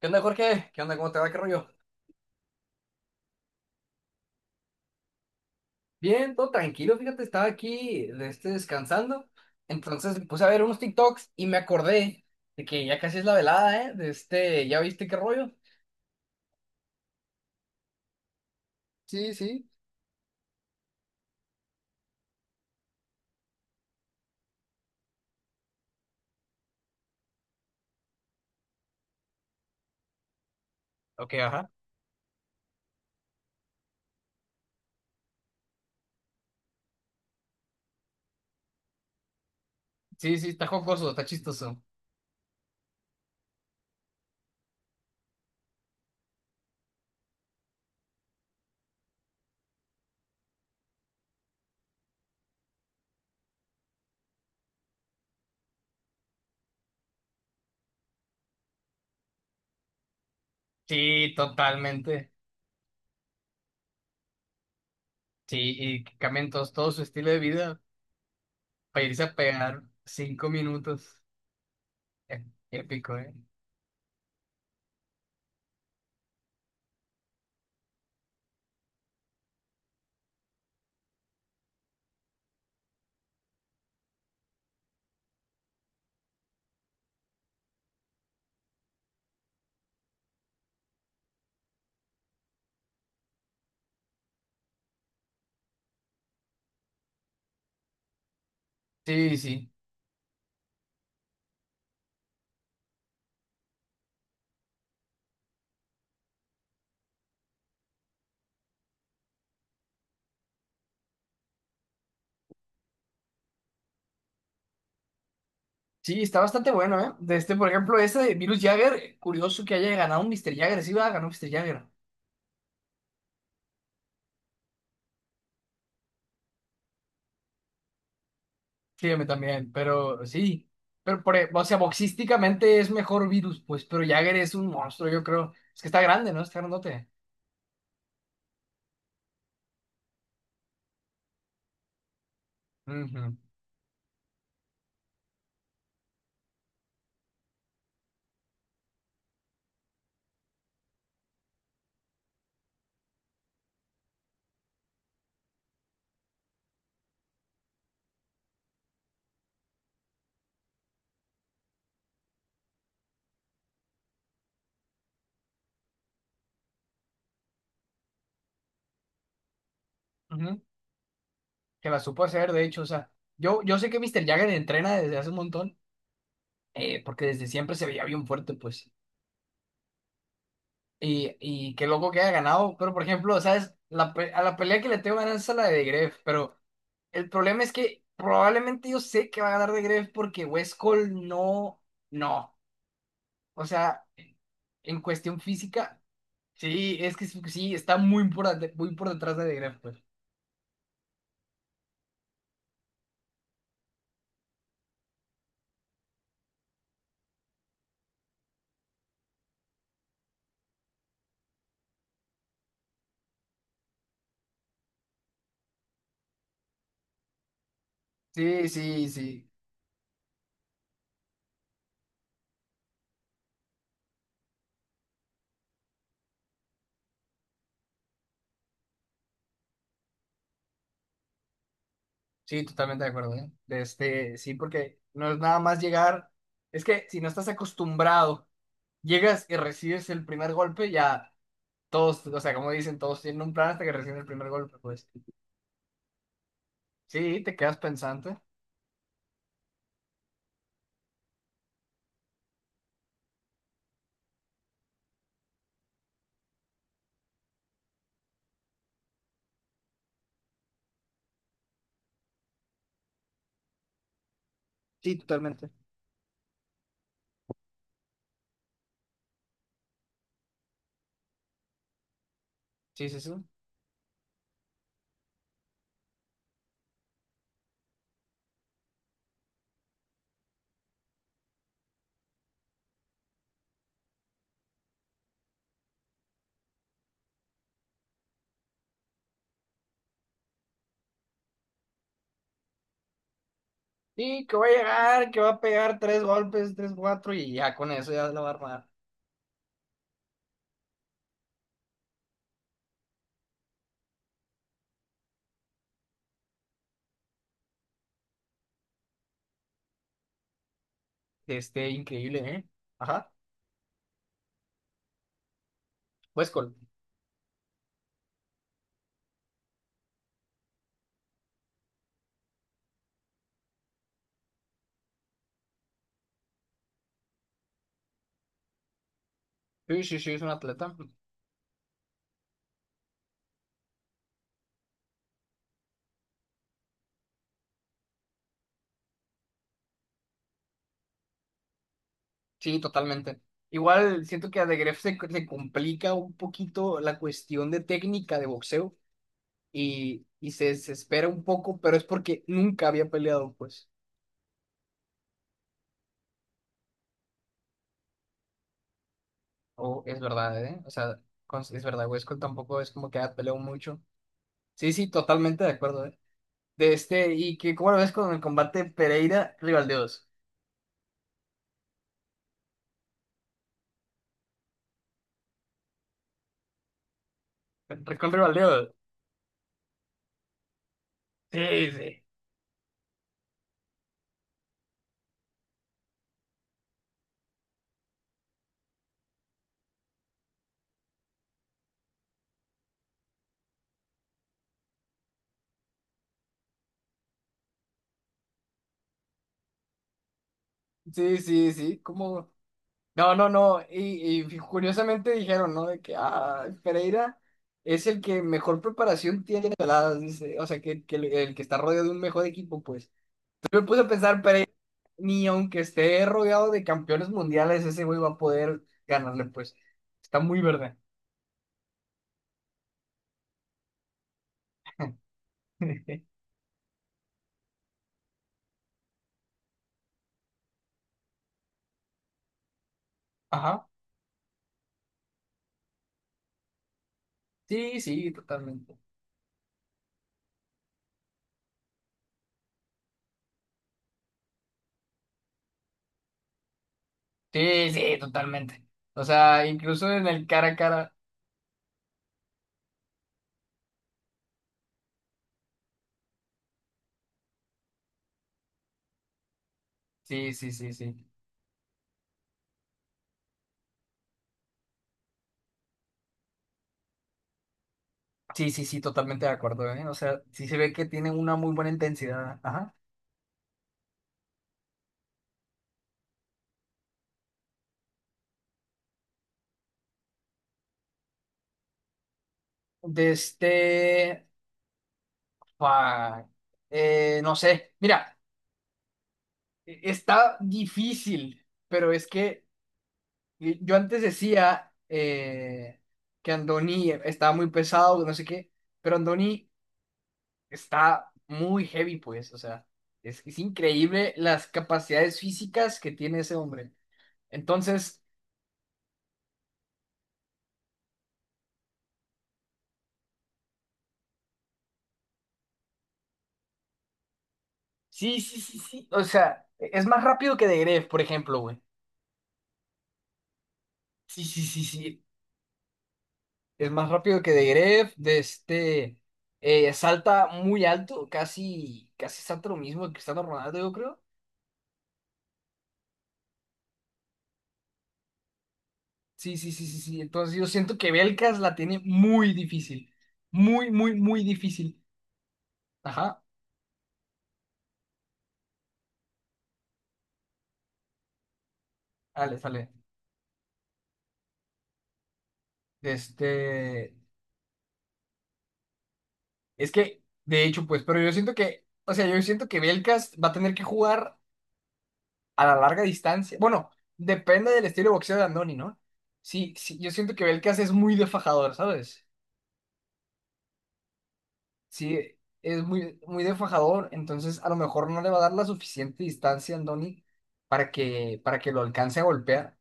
¿Qué onda, Jorge? ¿Qué onda? ¿Cómo te va? ¿Qué rollo? Bien, todo tranquilo, fíjate, estaba aquí descansando. Entonces me puse a ver unos TikToks y me acordé de que ya casi es la velada, ¿eh? ¿Ya viste qué rollo? Sí, sí. Ok, ajá. Sí, sí, está jocoso, está chistoso. Sí, totalmente. Sí, y que cambien todo su estilo de vida para irse a pegar cinco minutos. Eh, Épico, ¿eh? Sí, sí. Sí, está bastante bueno, ¿eh? De este, por ejemplo, ese de Virus Jagger, curioso que haya ganado un Mr. Jagger, sí, va, ganó Mr. Jagger. Sígueme también, pero sí. Pero, o sea, boxísticamente es mejor Virus, pues, pero Jagger es un monstruo, yo creo. Es que está grande, ¿no? Está grandote. Ujú, ujú. Que la supo hacer, de hecho, o sea, yo sé que Mr. Jagger entrena desde hace un montón, porque desde siempre se veía bien fuerte, pues. Y qué loco que haya ganado, pero, por ejemplo, ¿sabes? A la pelea que le tengo ganas es a la de Gref, pero. El problema es que probablemente yo sé que va a ganar de Greff porque West Cole no, no. O sea, en cuestión física, sí, es que sí, está muy por detrás de Greff, pues. Sí, sí, sí. Sí, totalmente de acuerdo, ¿eh? De este, sí, porque no es nada más llegar. Es que si no estás acostumbrado, llegas y recibes el primer golpe, ya todos, o sea, como dicen, todos tienen un plan hasta que reciben el primer golpe, pues. Sí, te quedas pensante. Sí, totalmente. Sí, sí, sí. Sí, que va a llegar, que va a pegar tres golpes, tres, cuatro, y ya con eso ya la va a armar. Este, increíble, ¿eh? Ajá. Westcol. Sí, sí, sí, es un atleta. Sí, totalmente. Igual siento que a De Gref se complica un poquito la cuestión de técnica de boxeo y se desespera un poco, pero es porque nunca había peleado, pues. Oh, es verdad, ¿eh? O sea, es verdad, Westcol tampoco es como que haya peleado mucho. Sí, sí, totalmente de acuerdo, ¿eh? De este, y que, ¿cómo lo ves con el combate Pereira-Rivaldeos? Rincón Rivaldeo. Sí, sí. Sí, sí, sí. Como. No, no, no. Y curiosamente dijeron, ¿no? De que ah, Pereira es el que mejor preparación tiene las dice. O sea, que el que está rodeado de un mejor equipo, pues. Yo me puse a pensar, Pereira, ni aunque esté rodeado de campeones mundiales, ese güey va a poder ganarle, pues. Está muy verde. Ajá. Sí, sí, totalmente. Sí, sí, totalmente. O sea, incluso en el cara a cara. Sí, sí, sí, sí. Sí, sí, sí, totalmente de acuerdo, ¿eh? O sea, sí se ve que tiene una muy buena intensidad. Ajá. De este... fa- no sé. Mira, está difícil, pero es que yo antes decía que Andoni estaba muy pesado, no sé qué, pero Andoni está muy heavy, pues. O sea, es increíble las capacidades físicas que tiene ese hombre. Entonces, sí, sí, sí, sí. O sea, es más rápido que De Gref, por ejemplo, güey. Sí, sí, sí, sí. Es más rápido que de Gref, de este salta muy alto, casi, casi salta lo mismo que Cristiano Ronaldo, yo creo. Sí, sí, sí, sí, sí. Entonces yo siento que Belkas la tiene muy difícil. Muy, muy, muy difícil. Ajá. Dale, sale. Este. Es que, de hecho, pues, pero yo siento que, o sea, yo siento que Belkas va a tener que jugar a la larga distancia. Bueno, depende del estilo de boxeo de Andoni, ¿no? Sí, sí, yo siento que Belkas es muy defajador, ¿sabes? Sí, es muy, muy de fajador, entonces a lo mejor no le va a dar la suficiente distancia a Andoni para que lo alcance a golpear.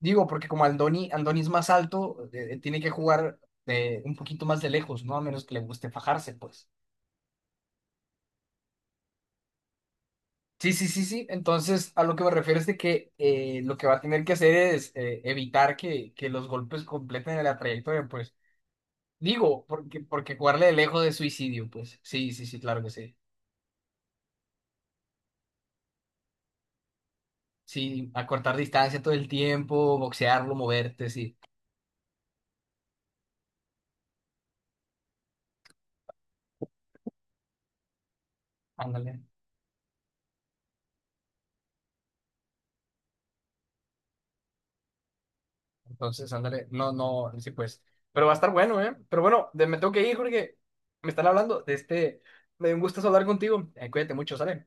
Digo, porque como Andoni es más alto, tiene que jugar un poquito más de lejos, ¿no? A menos que le guste fajarse, pues. Sí, sí, sí, sí. Entonces, a lo que me refiero es de que lo que va a tener que hacer es evitar que los golpes completen la trayectoria, pues. Digo, porque jugarle de lejos es suicidio, pues. Sí, sí, sí, claro que sí. Sí, acortar distancia todo el tiempo, boxearlo, moverte, sí. Ándale. Entonces, ándale. No, no, sí, pues. Pero va a estar bueno, ¿eh? Pero bueno, me tengo que ir, Jorge. Me están hablando de este. Me dio un gusto hablar contigo. Cuídate mucho, ¿sale?